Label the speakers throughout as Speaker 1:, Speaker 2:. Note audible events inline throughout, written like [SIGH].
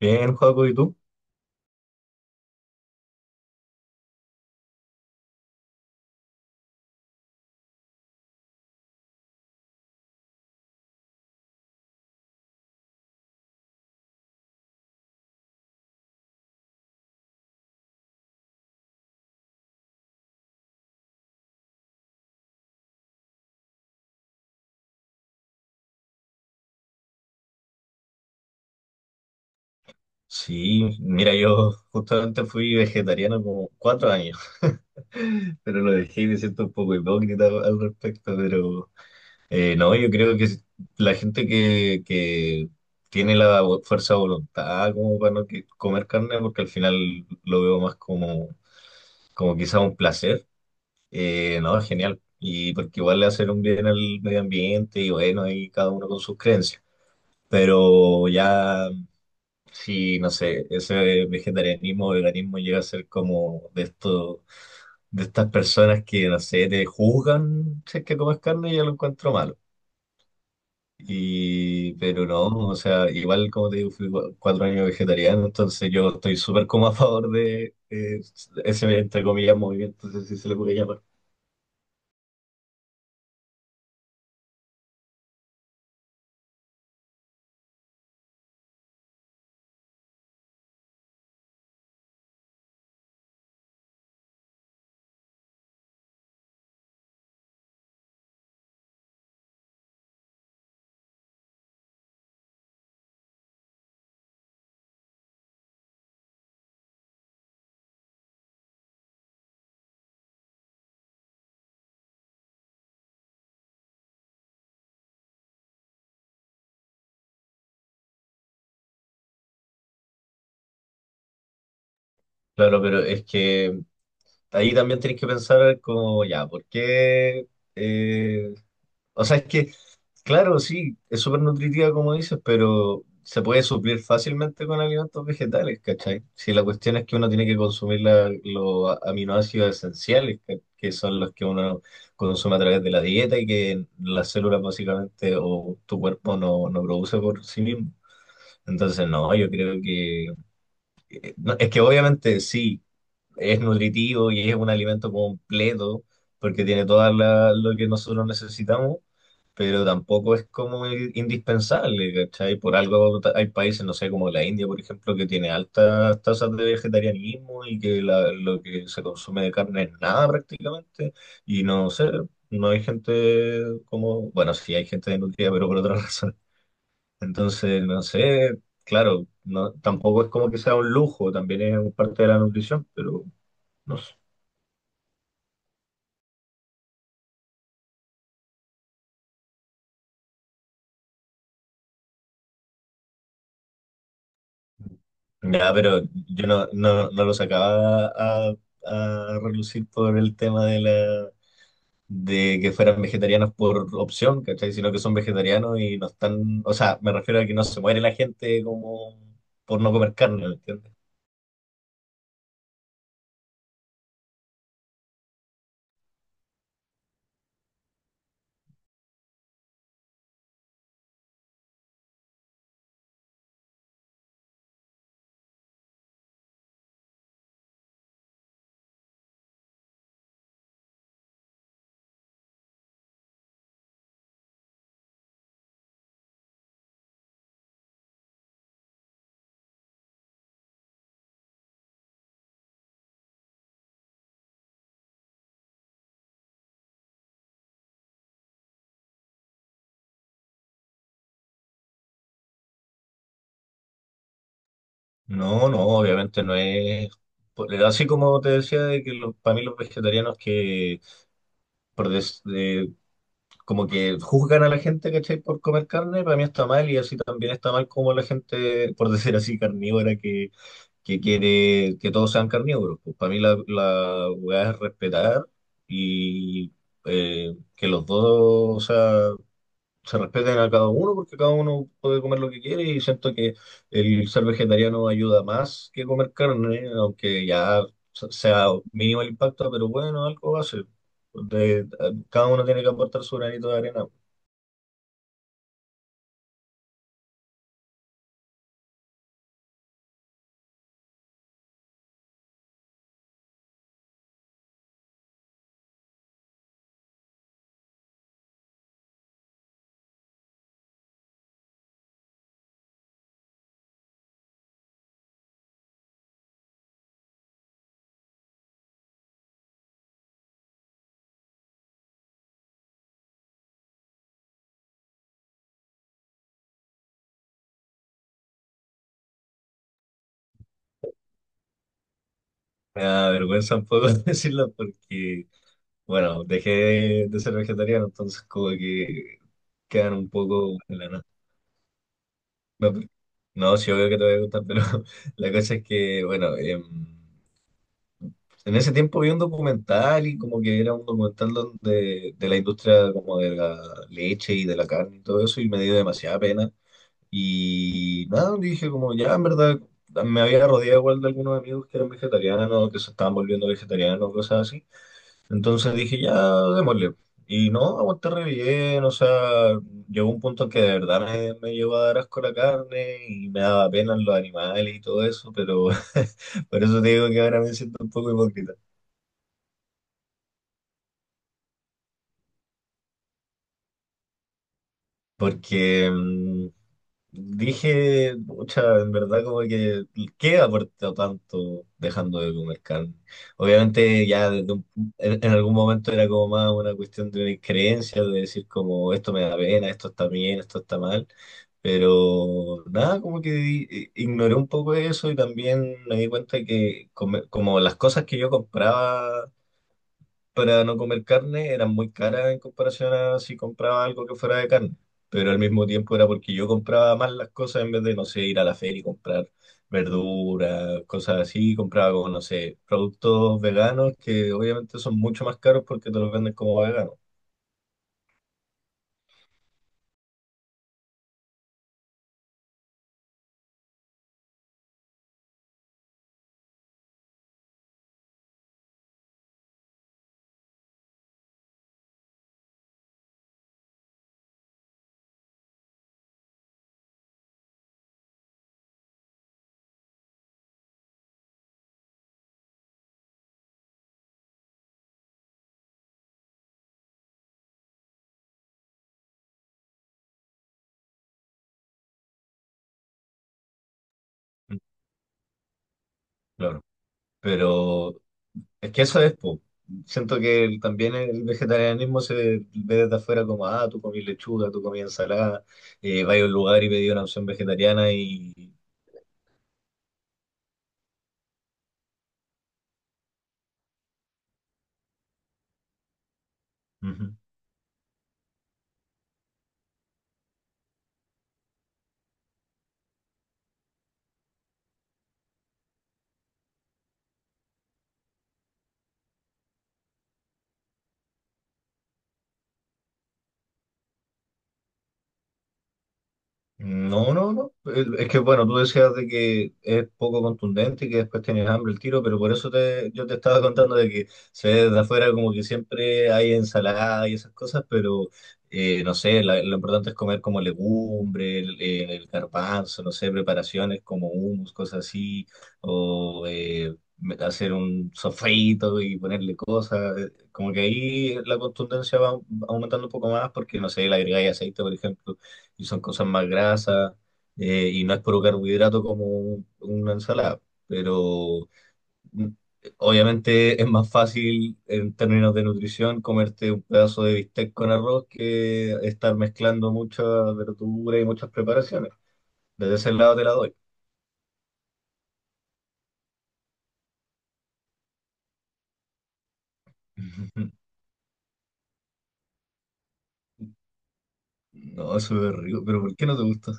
Speaker 1: Bien, Joaco, ¿y tú? Sí, mira, yo justamente fui vegetariano como 4 años, [LAUGHS] pero lo dejé y me siento un poco hipócrita al respecto, pero no, yo creo que si, la gente que tiene la fuerza de voluntad como para no comer carne, porque al final lo veo más como quizá un placer. No, es genial, y porque igual le hacen un bien al medio ambiente y bueno, ahí cada uno con sus creencias. Pero ya si, no sé, ese vegetarianismo o veganismo llega a ser como de esto, de estas personas que, no sé, te juzgan si es que comes carne, yo lo encuentro malo. Y, pero no, o sea, igual como te digo, fui 4 años vegetariano, entonces yo estoy súper como a favor de ese, entre comillas, movimiento, no sé si se le puede llamar. Claro, pero es que ahí también tienes que pensar como, ya, ¿por qué? eh, O sea, es que, claro, sí, es súper nutritiva como dices, pero se puede suplir fácilmente con alimentos vegetales, ¿cachai? Si la cuestión es que uno tiene que consumir los aminoácidos esenciales, que son los que uno consume a través de la dieta y que las células básicamente o tu cuerpo no produce por sí mismo. Entonces, no, yo creo que... no, es que obviamente sí, es nutritivo y es un alimento completo porque tiene todo lo que nosotros necesitamos, pero tampoco es como indispensable, ¿cachai? Por algo hay países, no sé, como la India, por ejemplo, que tiene altas tasas de vegetarianismo y que lo que se consume de carne es nada prácticamente, y no sé, no hay gente como, bueno, sí hay gente desnutrida, pero por otra [LAUGHS] razón. Entonces, no sé, claro, no, tampoco es como que sea un lujo, también es parte de la nutrición, pero no sé. Ya, pero yo no lo sacaba a relucir por el tema de la, de que fueran vegetarianos por opción, ¿cachai? Sino que son vegetarianos y no están, o sea, me refiero a que no se muere la gente como por no comer carne, ¿me entiendes? No, no, obviamente no es. Así como te decía, de que los, para mí los vegetarianos que por des- de- como que juzgan a la gente, ¿cachai? Por comer carne, para mí está mal y así también está mal como la gente, por decir así, carnívora que quiere que todos sean carnívoros. Pues para mí la, la weá es respetar y que los dos, o sea, se respeten a cada uno porque cada uno puede comer lo que quiere y siento que el ser vegetariano ayuda más que comer carne, aunque ya sea mínimo el impacto, pero bueno, algo va a hace. De- Cada uno tiene que aportar su granito de arena. Me da vergüenza un poco [LAUGHS] decirlo porque, bueno, dejé de ser vegetariano, entonces como que quedan un poco en la nada. No, pues, no, sí, obvio que te va a gustar, pero [LAUGHS] la cosa es que, bueno, en ese tiempo vi un documental y como que era un documental donde, de la industria como de la leche y de la carne y todo eso y me dio demasiada pena. Y nada, dije como ya, en verdad, me había rodeado igual de algunos amigos que eran vegetarianos, que se estaban volviendo vegetarianos, cosas así. Entonces dije, ya, démosle. Y no, aguanté re bien, o sea, llegó un punto en que de verdad me llegó a dar asco la carne y me daba pena los animales y todo eso, pero [LAUGHS] por eso te digo que ahora me siento un poco hipócrita. Porque dije, pucha, en verdad como que, ¿qué aporta tanto dejando de comer carne? Obviamente ya desde en algún momento era como más una cuestión de una creencia, de decir como esto me da pena, esto está bien, esto está mal, pero nada, como que ignoré un poco eso y también me di cuenta que como las cosas que yo compraba para no comer carne eran muy caras en comparación a si compraba algo que fuera de carne. Pero al mismo tiempo era porque yo compraba más las cosas en vez de, no sé, ir a la feria y comprar verduras, cosas así. Compraba como, no sé, productos veganos que obviamente son mucho más caros porque te los venden como veganos. Mm, claro. Pero es que eso es, po. Siento que también el vegetarianismo se ve desde afuera como, ah, tú comí lechuga, tú comí ensalada, vas a un lugar y pedí una opción vegetariana y... Ujú. No, no, no. Es que bueno, tú decías de que es poco contundente y que después tienes hambre el tiro, pero por eso yo te estaba contando de que se ve desde afuera como que siempre hay ensalada y esas cosas, pero no sé, lo importante es comer como legumbre, el garbanzo, no sé, preparaciones como hummus, cosas así, o hacer un sofrito y ponerle cosas. Como que ahí la contundencia va aumentando un poco más porque, no sé, le agregáis aceite, por ejemplo, y son cosas más grasas, y no es puro carbohidrato como una ensalada, pero mm, obviamente es más fácil en términos de nutrición comerte un pedazo de bistec con arroz que estar mezclando muchas verduras y muchas preparaciones. Desde ese lado te la doy. [LAUGHS] No, eso es rico, pero ¿por qué no te gusta?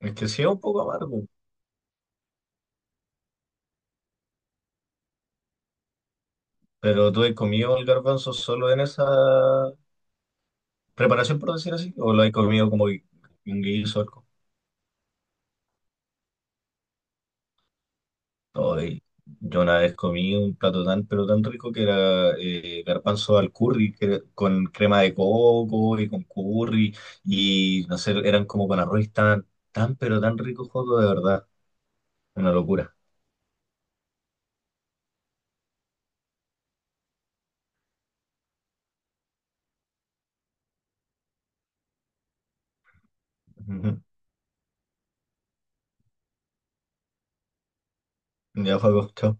Speaker 1: Es que sí es un poco amargo, pero ¿tú has comido el garbanzo solo en esa preparación, por decir así? ¿O lo has comido como un guiso? Ay, yo una vez comí un plato tan, pero tan rico que era garbanzo al curry, que era con crema de coco y con curry, y no sé, eran como con arroz, y estaban tan, pero tan ricos, Joaco, de verdad, una locura. [LAUGHS] Ujú. Ya, Joaco, chao.